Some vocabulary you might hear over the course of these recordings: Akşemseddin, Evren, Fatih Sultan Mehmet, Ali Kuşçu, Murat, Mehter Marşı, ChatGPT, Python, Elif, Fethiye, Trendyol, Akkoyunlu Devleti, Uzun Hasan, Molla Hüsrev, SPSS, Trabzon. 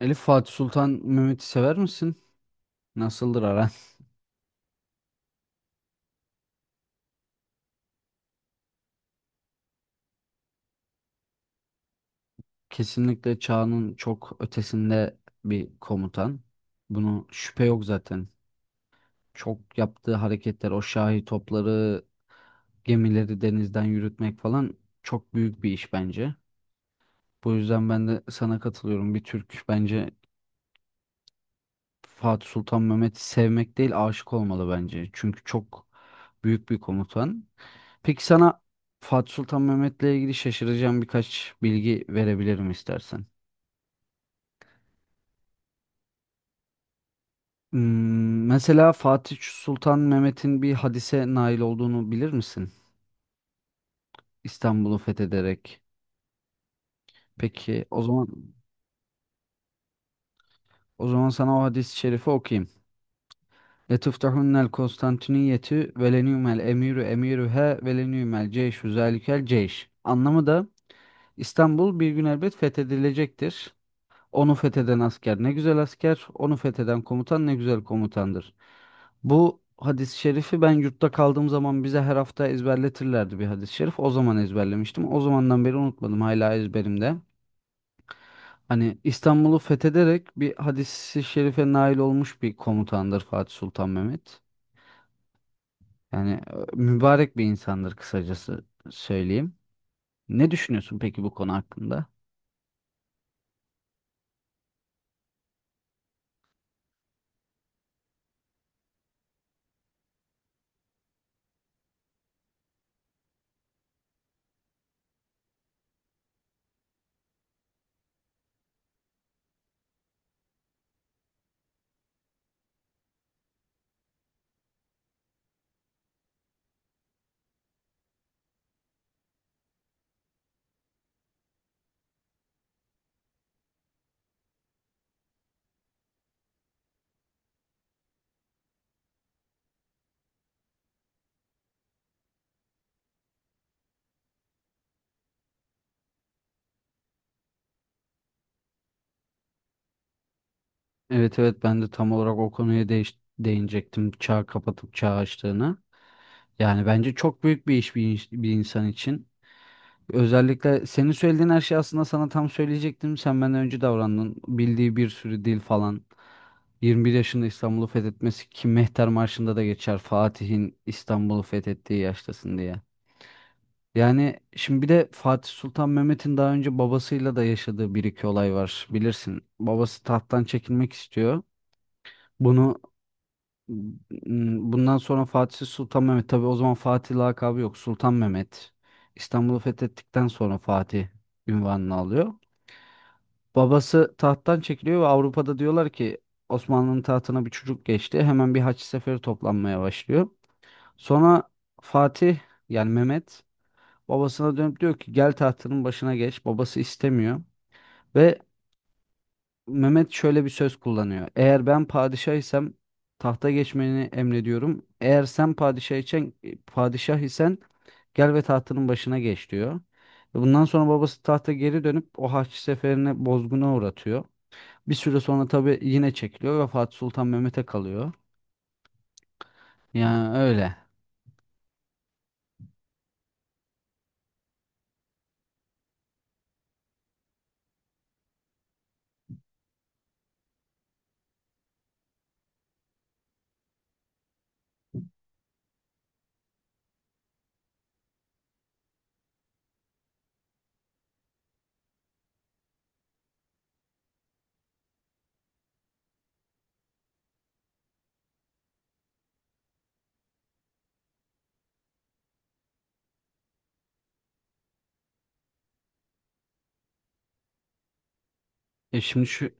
Elif Fatih Sultan Mehmet'i sever misin? Nasıldır aran? Kesinlikle çağının çok ötesinde bir komutan. Bunu şüphe yok zaten. Çok yaptığı hareketler, o şahi topları, gemileri denizden yürütmek falan çok büyük bir iş bence. Bu yüzden ben de sana katılıyorum. Bir Türk bence Fatih Sultan Mehmet'i sevmek değil, aşık olmalı bence. Çünkü çok büyük bir komutan. Peki sana Fatih Sultan Mehmet'le ilgili şaşıracağım birkaç bilgi verebilirim istersen. Hmm, mesela Fatih Sultan Mehmet'in bir hadise nail olduğunu bilir misin? İstanbul'u fethederek. Peki o zaman sana o hadis-i şerifi okuyayım. Letuftahunel Konstantiniyeti velenümel emiru emiruhe velenümel ceyşu zalikel ceyş. Anlamı da İstanbul bir gün elbet fethedilecektir. Onu fetheden asker ne güzel asker, onu fetheden komutan ne güzel komutandır. Bu hadis-i şerifi ben yurtta kaldığım zaman bize her hafta ezberletirlerdi bir hadis-i şerif. O zaman ezberlemiştim. O zamandan beri unutmadım. Hala ezberimde. Hani İstanbul'u fethederek bir hadis-i şerife nail olmuş bir komutandır Fatih Sultan Mehmet. Yani mübarek bir insandır kısacası söyleyeyim. Ne düşünüyorsun peki bu konu hakkında? Evet, evet, ben de tam olarak o konuya değinecektim. Çağ kapatıp çağ açtığını. Yani bence çok büyük bir iş bir, bir insan için. Özellikle senin söylediğin her şeyi aslında sana tam söyleyecektim. Sen benden önce davrandın. Bildiği bir sürü dil falan. 21 yaşında İstanbul'u fethetmesi ki Mehter Marşı'nda da geçer. Fatih'in İstanbul'u fethettiği yaştasın diye. Yani şimdi bir de Fatih Sultan Mehmet'in daha önce babasıyla da yaşadığı bir iki olay var. Bilirsin. Babası tahttan çekilmek istiyor. Bunu M- Bundan sonra Fatih Sultan Mehmet. Tabii o zaman Fatih lakabı yok. Sultan Mehmet. İstanbul'u fethettikten sonra Fatih ünvanını alıyor. Babası tahttan çekiliyor ve Avrupa'da diyorlar ki Osmanlı'nın tahtına bir çocuk geçti. Hemen bir haç seferi toplanmaya başlıyor. Sonra Fatih, yani Mehmet, babasına dönüp diyor ki gel tahtının başına geç. Babası istemiyor. Ve Mehmet şöyle bir söz kullanıyor. Eğer ben padişah isem tahta geçmeni emrediyorum. Eğer sen padişah isen gel ve tahtının başına geç diyor. Ve bundan sonra babası tahta geri dönüp o Haçlı seferine bozguna uğratıyor. Bir süre sonra tabii yine çekiliyor ve Fatih Sultan Mehmet'e kalıyor. Yani öyle. E şimdi şu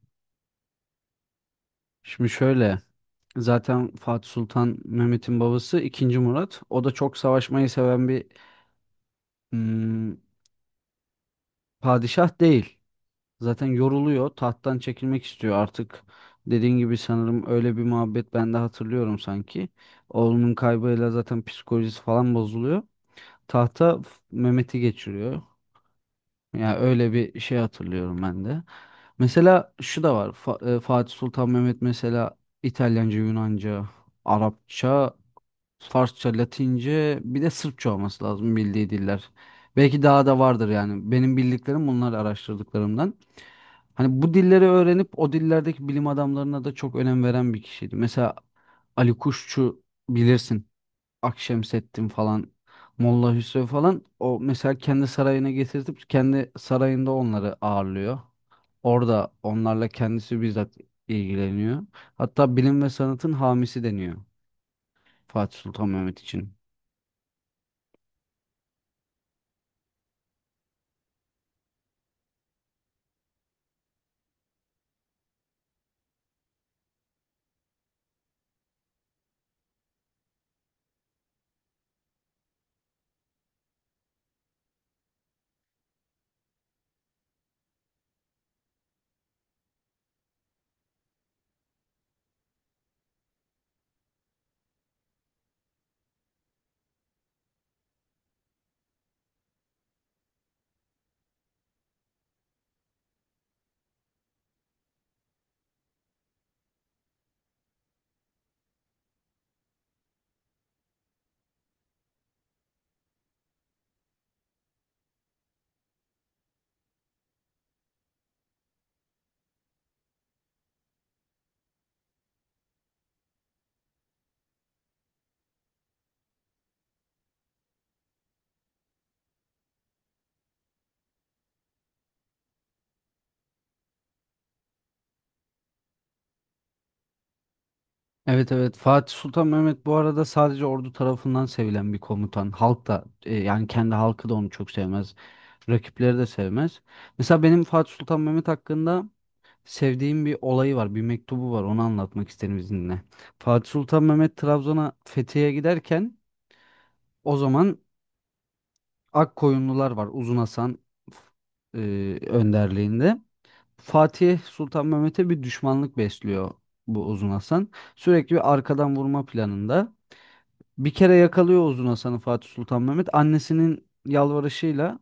Şimdi şöyle, zaten Fatih Sultan Mehmet'in babası ikinci Murat. O da çok savaşmayı seven bir hmm, padişah değil. Zaten yoruluyor. Tahttan çekilmek istiyor artık. Dediğin gibi sanırım öyle bir muhabbet ben de hatırlıyorum sanki. Oğlunun kaybıyla zaten psikolojisi falan bozuluyor. Mehmet'i geçiriyor. Ya öyle bir şey hatırlıyorum ben de. Mesela şu da var. Fatih Sultan Mehmet mesela İtalyanca, Yunanca, Arapça, Farsça, Latince, bir de Sırpça olması lazım bildiği diller. Belki daha da vardır yani. Benim bildiklerim bunlar araştırdıklarımdan. Hani bu dilleri öğrenip o dillerdeki bilim adamlarına da çok önem veren bir kişiydi. Mesela Ali Kuşçu bilirsin. Akşemseddin falan, Molla Hüsrev falan o mesela kendi sarayına getirtip kendi sarayında onları ağırlıyor. Orada onlarla kendisi bizzat ilgileniyor. Hatta bilim ve sanatın hamisi deniyor Fatih Sultan Mehmet için. Evet, evet, Fatih Sultan Mehmet bu arada sadece ordu tarafından sevilen bir komutan. Halk da yani kendi halkı da onu çok sevmez. Rakipleri de sevmez. Mesela benim Fatih Sultan Mehmet hakkında sevdiğim bir olayı var, bir mektubu var. Onu anlatmak isterim izninle. Fatih Sultan Mehmet Trabzon'a Fethiye'ye giderken o zaman Akkoyunlular var. Uzun Hasan önderliğinde. Fatih Sultan Mehmet'e bir düşmanlık besliyor bu Uzun Hasan. Sürekli bir arkadan vurma planında. Bir kere yakalıyor Uzun Hasan'ı Fatih Sultan Mehmet. Annesinin yalvarışıyla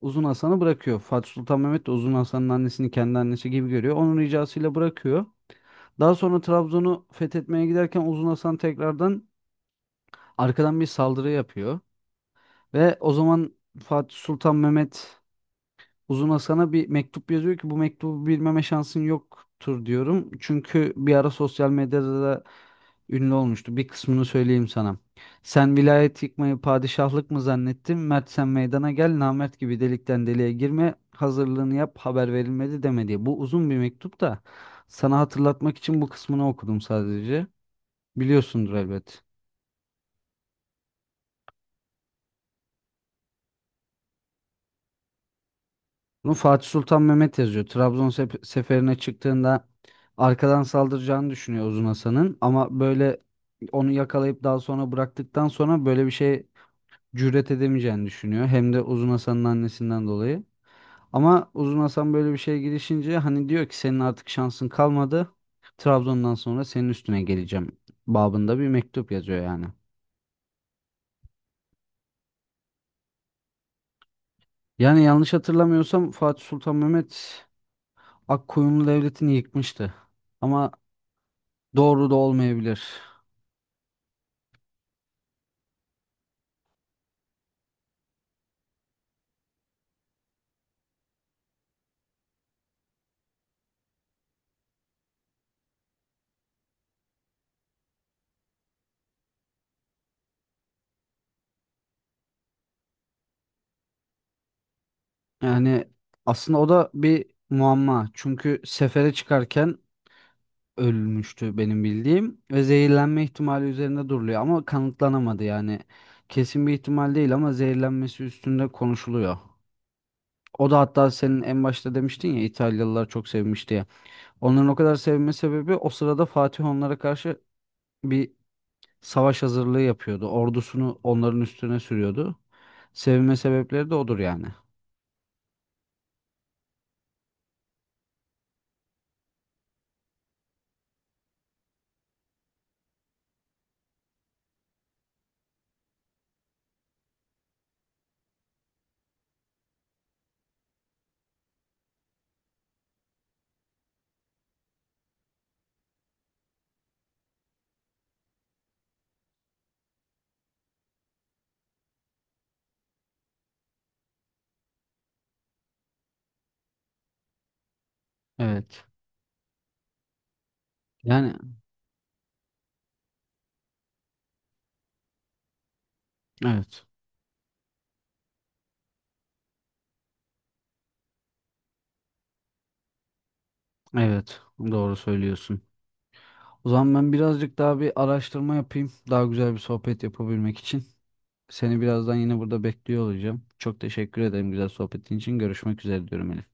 Uzun Hasan'ı bırakıyor. Fatih Sultan Mehmet de Uzun Hasan'ın annesini kendi annesi gibi görüyor. Onun ricasıyla bırakıyor. Daha sonra Trabzon'u fethetmeye giderken Uzun Hasan tekrardan arkadan bir saldırı yapıyor. Ve o zaman Fatih Sultan Mehmet Uzun Hasan'a bir mektup yazıyor ki bu mektubu bilmeme şansın yoktur diyorum. Çünkü bir ara sosyal medyada da ünlü olmuştu. Bir kısmını söyleyeyim sana. Sen vilayet yıkmayı padişahlık mı zannettin? Mert sen meydana gel, namert gibi delikten deliğe girme, hazırlığını yap, haber verilmedi deme diye. Bu uzun bir mektup da sana hatırlatmak için bu kısmını okudum sadece. Biliyorsundur elbet. Bunu Fatih Sultan Mehmet yazıyor. Seferine çıktığında arkadan saldıracağını düşünüyor Uzun Hasan'ın ama böyle onu yakalayıp daha sonra bıraktıktan sonra böyle bir şey cüret edemeyeceğini düşünüyor. Hem de Uzun Hasan'ın annesinden dolayı. Ama Uzun Hasan böyle bir şeye girişince hani diyor ki senin artık şansın kalmadı. Trabzon'dan sonra senin üstüne geleceğim babında bir mektup yazıyor yani. Yani yanlış hatırlamıyorsam Fatih Sultan Mehmet Akkoyunlu Devleti'ni yıkmıştı. Ama doğru da olmayabilir. Yani aslında o da bir muamma. Çünkü sefere çıkarken ölmüştü benim bildiğim ve zehirlenme ihtimali üzerinde duruluyor ama kanıtlanamadı yani. Kesin bir ihtimal değil ama zehirlenmesi üstünde konuşuluyor. O da hatta senin en başta demiştin ya İtalyalılar çok sevmiş diye. Onların o kadar sevme sebebi o sırada Fatih onlara karşı bir savaş hazırlığı yapıyordu. Ordusunu onların üstüne sürüyordu. Sevme sebepleri de odur yani. Evet. Yani evet. Evet, doğru söylüyorsun. O zaman ben birazcık daha bir araştırma yapayım. Daha güzel bir sohbet yapabilmek için. Seni birazdan yine burada bekliyor olacağım. Çok teşekkür ederim güzel sohbetin için. Görüşmek üzere diyorum Elif.